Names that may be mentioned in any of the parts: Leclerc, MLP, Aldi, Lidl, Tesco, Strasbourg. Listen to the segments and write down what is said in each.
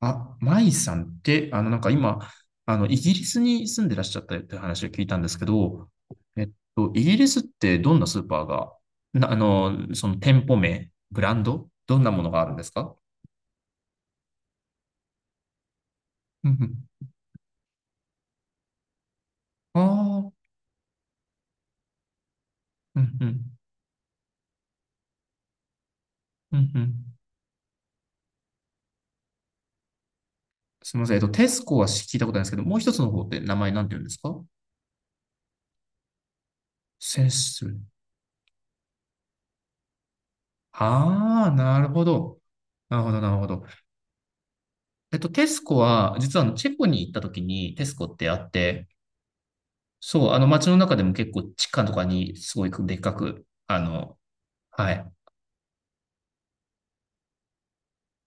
あ、マイさんって、なんか今、イギリスに住んでらっしゃったって話を聞いたんですけど、えっイギリスってどんなスーパーが、な、あの、その店舗名、ブランド、どんなものがあるんですか？うんうん。ああ、うんうん、うんうん。すみません。テスコは聞いたことないんですけど、もう一つの方って名前なんて言うんですか？セス。ああ、なるほど。なるほど、なるほど。テスコは、実はチェコに行った時にテスコってあって、そう、あの街の中でも結構地下とかにすごいでっかく、はい。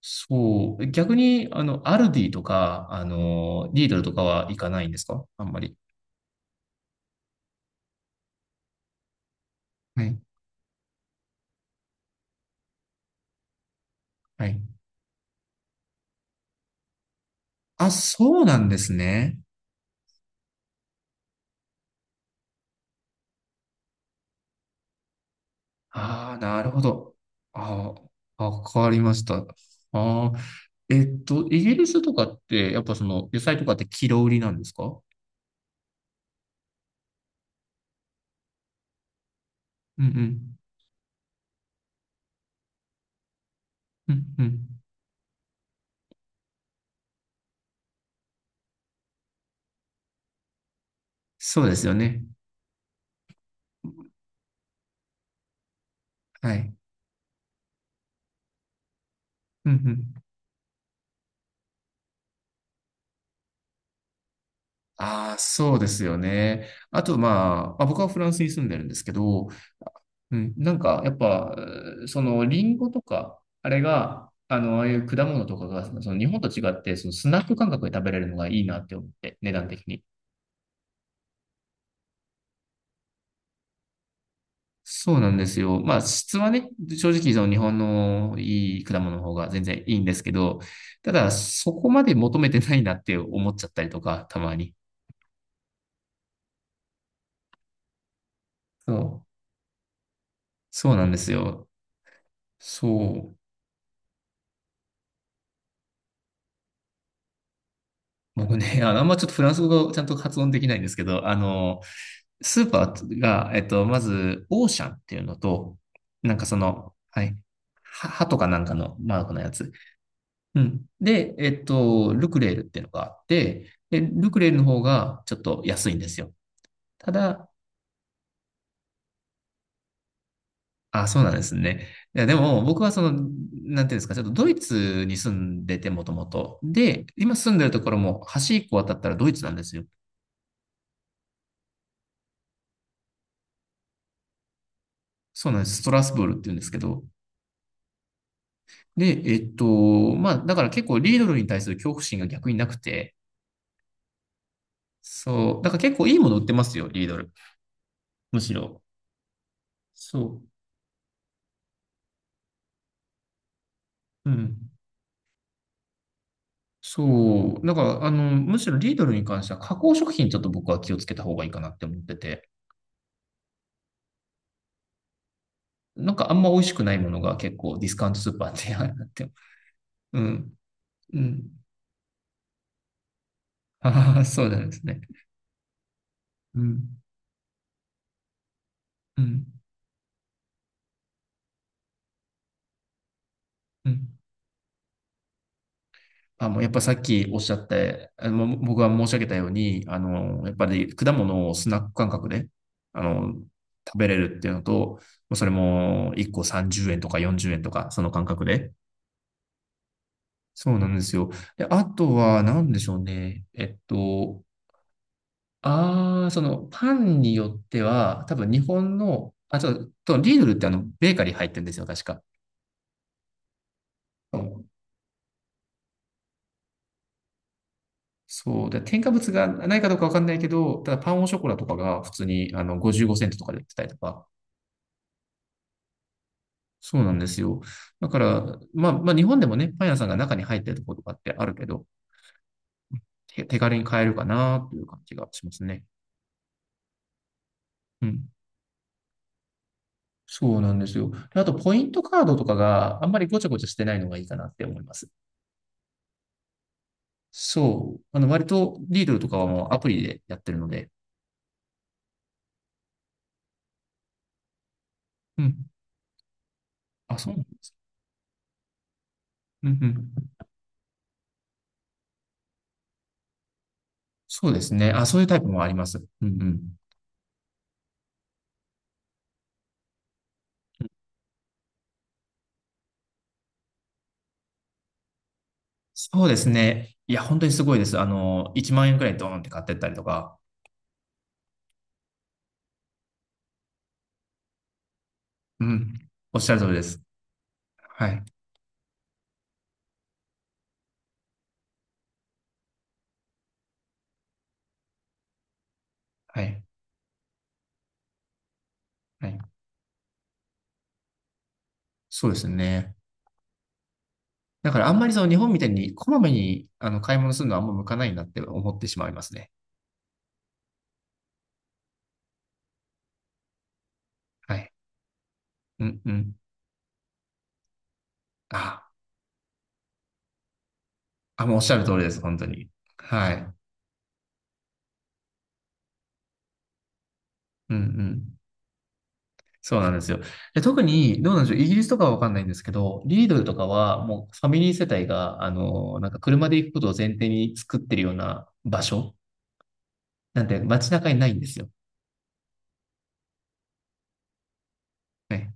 そう、逆に、アルディとか、リードルとかは行かないんですか、あんまり？はい。はい。あ、そうなんですね。ああ、なるほど。ああ、わかりました。ああ、イギリスとかって、やっぱ野菜とかってキロ売りなんですか？うんうん。うんうん。そうですよね。はい。うんうん。ああ、そうですよね。あと、まあ僕はフランスに住んでるんですけど、うん、なんか、やっぱ、リンゴとか、あれが、ああいう果物とかが、日本と違って、スナック感覚で食べれるのがいいなって思って、値段的に。そうなんですよ。まあ、質はね、正直、日本のいい果物の方が全然いいんですけど、ただ、そこまで求めてないなって思っちゃったりとか、たまに。そう。そうなんですよ。そう。僕ね、あんまちょっとフランス語がちゃんと発音できないんですけど、スーパーが、まず、オーシャンっていうのと、なんかはい、歯とかなんかのマークのやつ。うん。で、ルクレールっていうのがあって、で、ルクレールの方がちょっと安いんですよ。ただ、あ、そうなんですね。いや、でも、僕はなんていうんですか、ちょっとドイツに住んでて、もともと。で、今住んでるところも、橋一個渡ったらドイツなんですよ。そうなんです。ストラスブールって言うんですけど、で、まあ、だから結構リードルに対する恐怖心が逆になくて、そう、だから結構いいもの売ってますよ、リードル。むしろ。そう。うん。そう。だから、むしろリードルに関しては加工食品ちょっと僕は気をつけた方がいいかなって思ってて、なんかあんま美味しくないものが結構ディスカウントスーパーって あれになって、うん。うん。ああ、そうなんですね。うん。うん。うん。あ、もうやっぱさっきおっしゃって、僕が申し上げたように、やっぱり果物をスナック感覚で、あの、食べれるっていうのと、もうそれも1個30円とか40円とか、その感覚で。そうなんですよ。で、あとは何でしょうね。ああ、そのパンによっては、多分日本の、あ、ちょっと、リードルってベーカリー入ってるんですよ、確か。そう。で、添加物がないかどうかわかんないけど、ただパンオショコラとかが普通に55セントとかで売ってたりとか。そうなんですよ。だから、まあ日本でもね、パン屋さんが中に入ってるところとかってあるけど、手軽に買えるかなという感じがしますね。うん。そうなんですよ。であと、ポイントカードとかがあんまりごちゃごちゃしてないのがいいかなって思います。そう。割と、リードルとかはもうアプリでやってるので。うん。あ、そうなんです。うんうん。そうですね。あ、そういうタイプもあります。うんうん。そうですね。いや、本当にすごいです。1万円くらいドーンって買ってったりとか。うん。おっしゃる通りです。はい。はい。はい。そうですね。だからあんまりその日本みたいにこまめに買い物するのはあんま向かないなって思ってしまいますね。はい。うんうん。あ、あ、もうおっしゃる通りです。本当に。はい。うんうん。そうなんですよ。で、特に、どうなんでしょう。イギリスとかはわかんないんですけど、リードルとかはもうファミリー世帯が、なんか車で行くことを前提に作ってるような場所なんで街中にないんですよ。ね。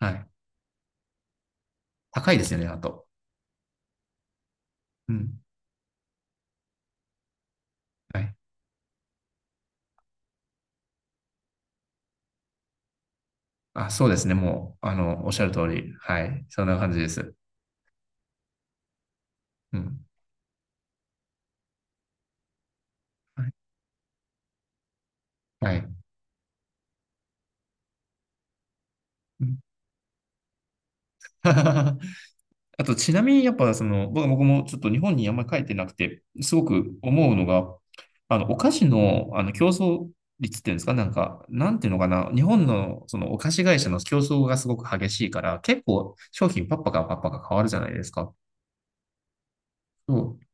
はい。高いですよね、あと。うん。はい。あ、そうですね。もう、おっしゃる通り。はい。そんな感じです。うん。はい。はい。うん。 あと、ちなみに、やっぱ、僕もちょっと日本にあんまり帰ってなくて、すごく思うのが、お菓子の、競争率っていうんですか、なんか、なんていうのかな、日本の、お菓子会社の競争がすごく激しいから、結構、商品パッパカパッパカ変わるじゃないですか。そう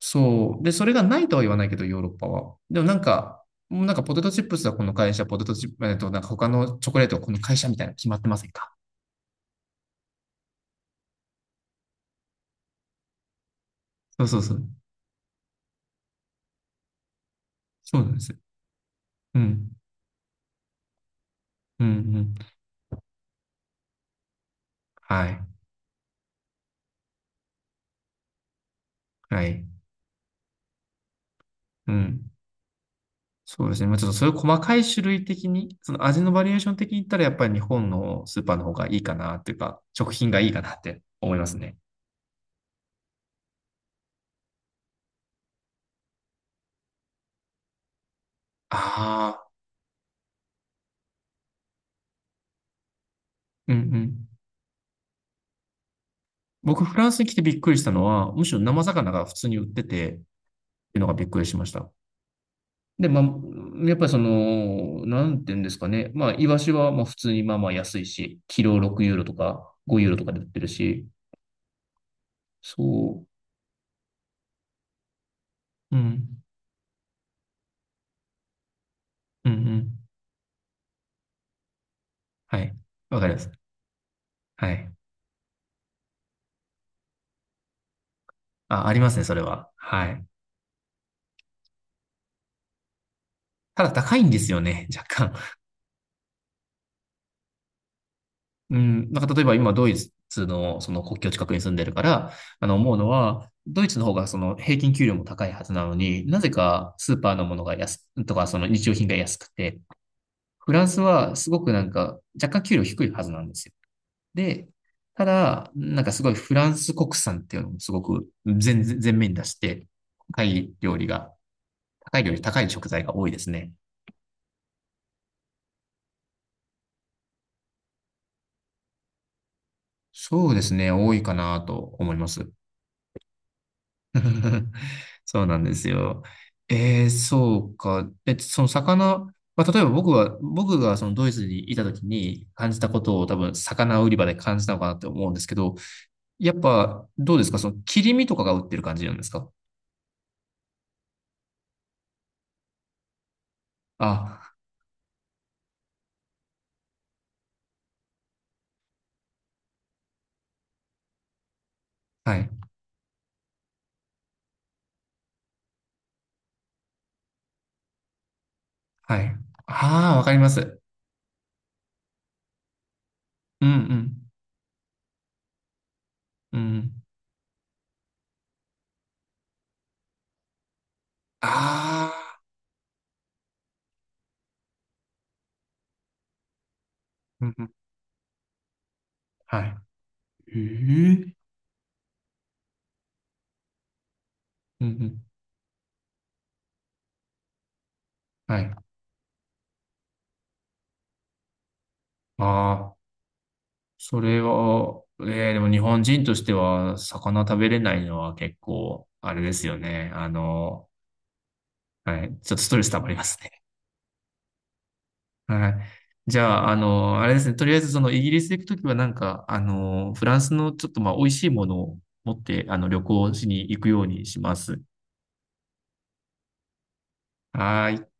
そう。で、それがないとは言わないけど、ヨーロッパは。でもなんか、もうなんかポテトチップスはこの会社、ポテトチップ、えっと、なんか他のチョコレートはこの会社みたいなの決まってませんか？そうそうそう。そうなんですよ。うん。うん、うん。はい。はい。うん。そうですね。まあちょっとそういう細かい種類的に、その味のバリエーション的に言ったら、やっぱり日本のスーパーの方がいいかなっていうか、食品がいいかなって思いますね。ああ。うんうん。僕、フランスに来てびっくりしたのは、むしろ生魚が普通に売ってて、っていうのがびっくりしました。で、まあ、やっぱりなんていうんですかね。まあ、イワシはまあ普通にまあまあ安いし、キロ6ユーロとか5ユーロとかで売ってるし、そう、うん、うん、うん。はい。わかります。はい。あ、ありますね、それは。はい。ただ高いんですよね、若干。うん。なんか例えば今、ドイツのその国境近くに住んでるから、思うのは、ドイツの方がその平均給料も高いはずなのに、なぜかスーパーのものがとかその日用品が安くて、フランスはすごくなんか若干給料低いはずなんですよ。で、ただ、なんかすごいフランス国産っていうのもすごく全面に出して、高い料理が、高い料理、高い食材が多いですね。そうですね、多いかなと思います。そうなんですよ。えー、そうか。え、その魚、まあ、例えば僕がそのドイツにいた時に感じたことを多分魚売り場で感じたのかなって思うんですけど、やっぱ、どうですか切り身とかが売ってる感じなんですか？あ、はい、はい。ああ、わかります。うん、うん、うん。ああ、うん、うん、はい。ええ、うん、うん、はい。ああ、それは、ええでも日本人としては、魚食べれないのは結構、あれですよね。はい、ちょっとストレス溜まりますね。はい。じゃあ、あれですね。とりあえず、イギリス行くときは、なんか、フランスのちょっと、まあ、美味しいものを持って、旅行しに行くようにします。はーい。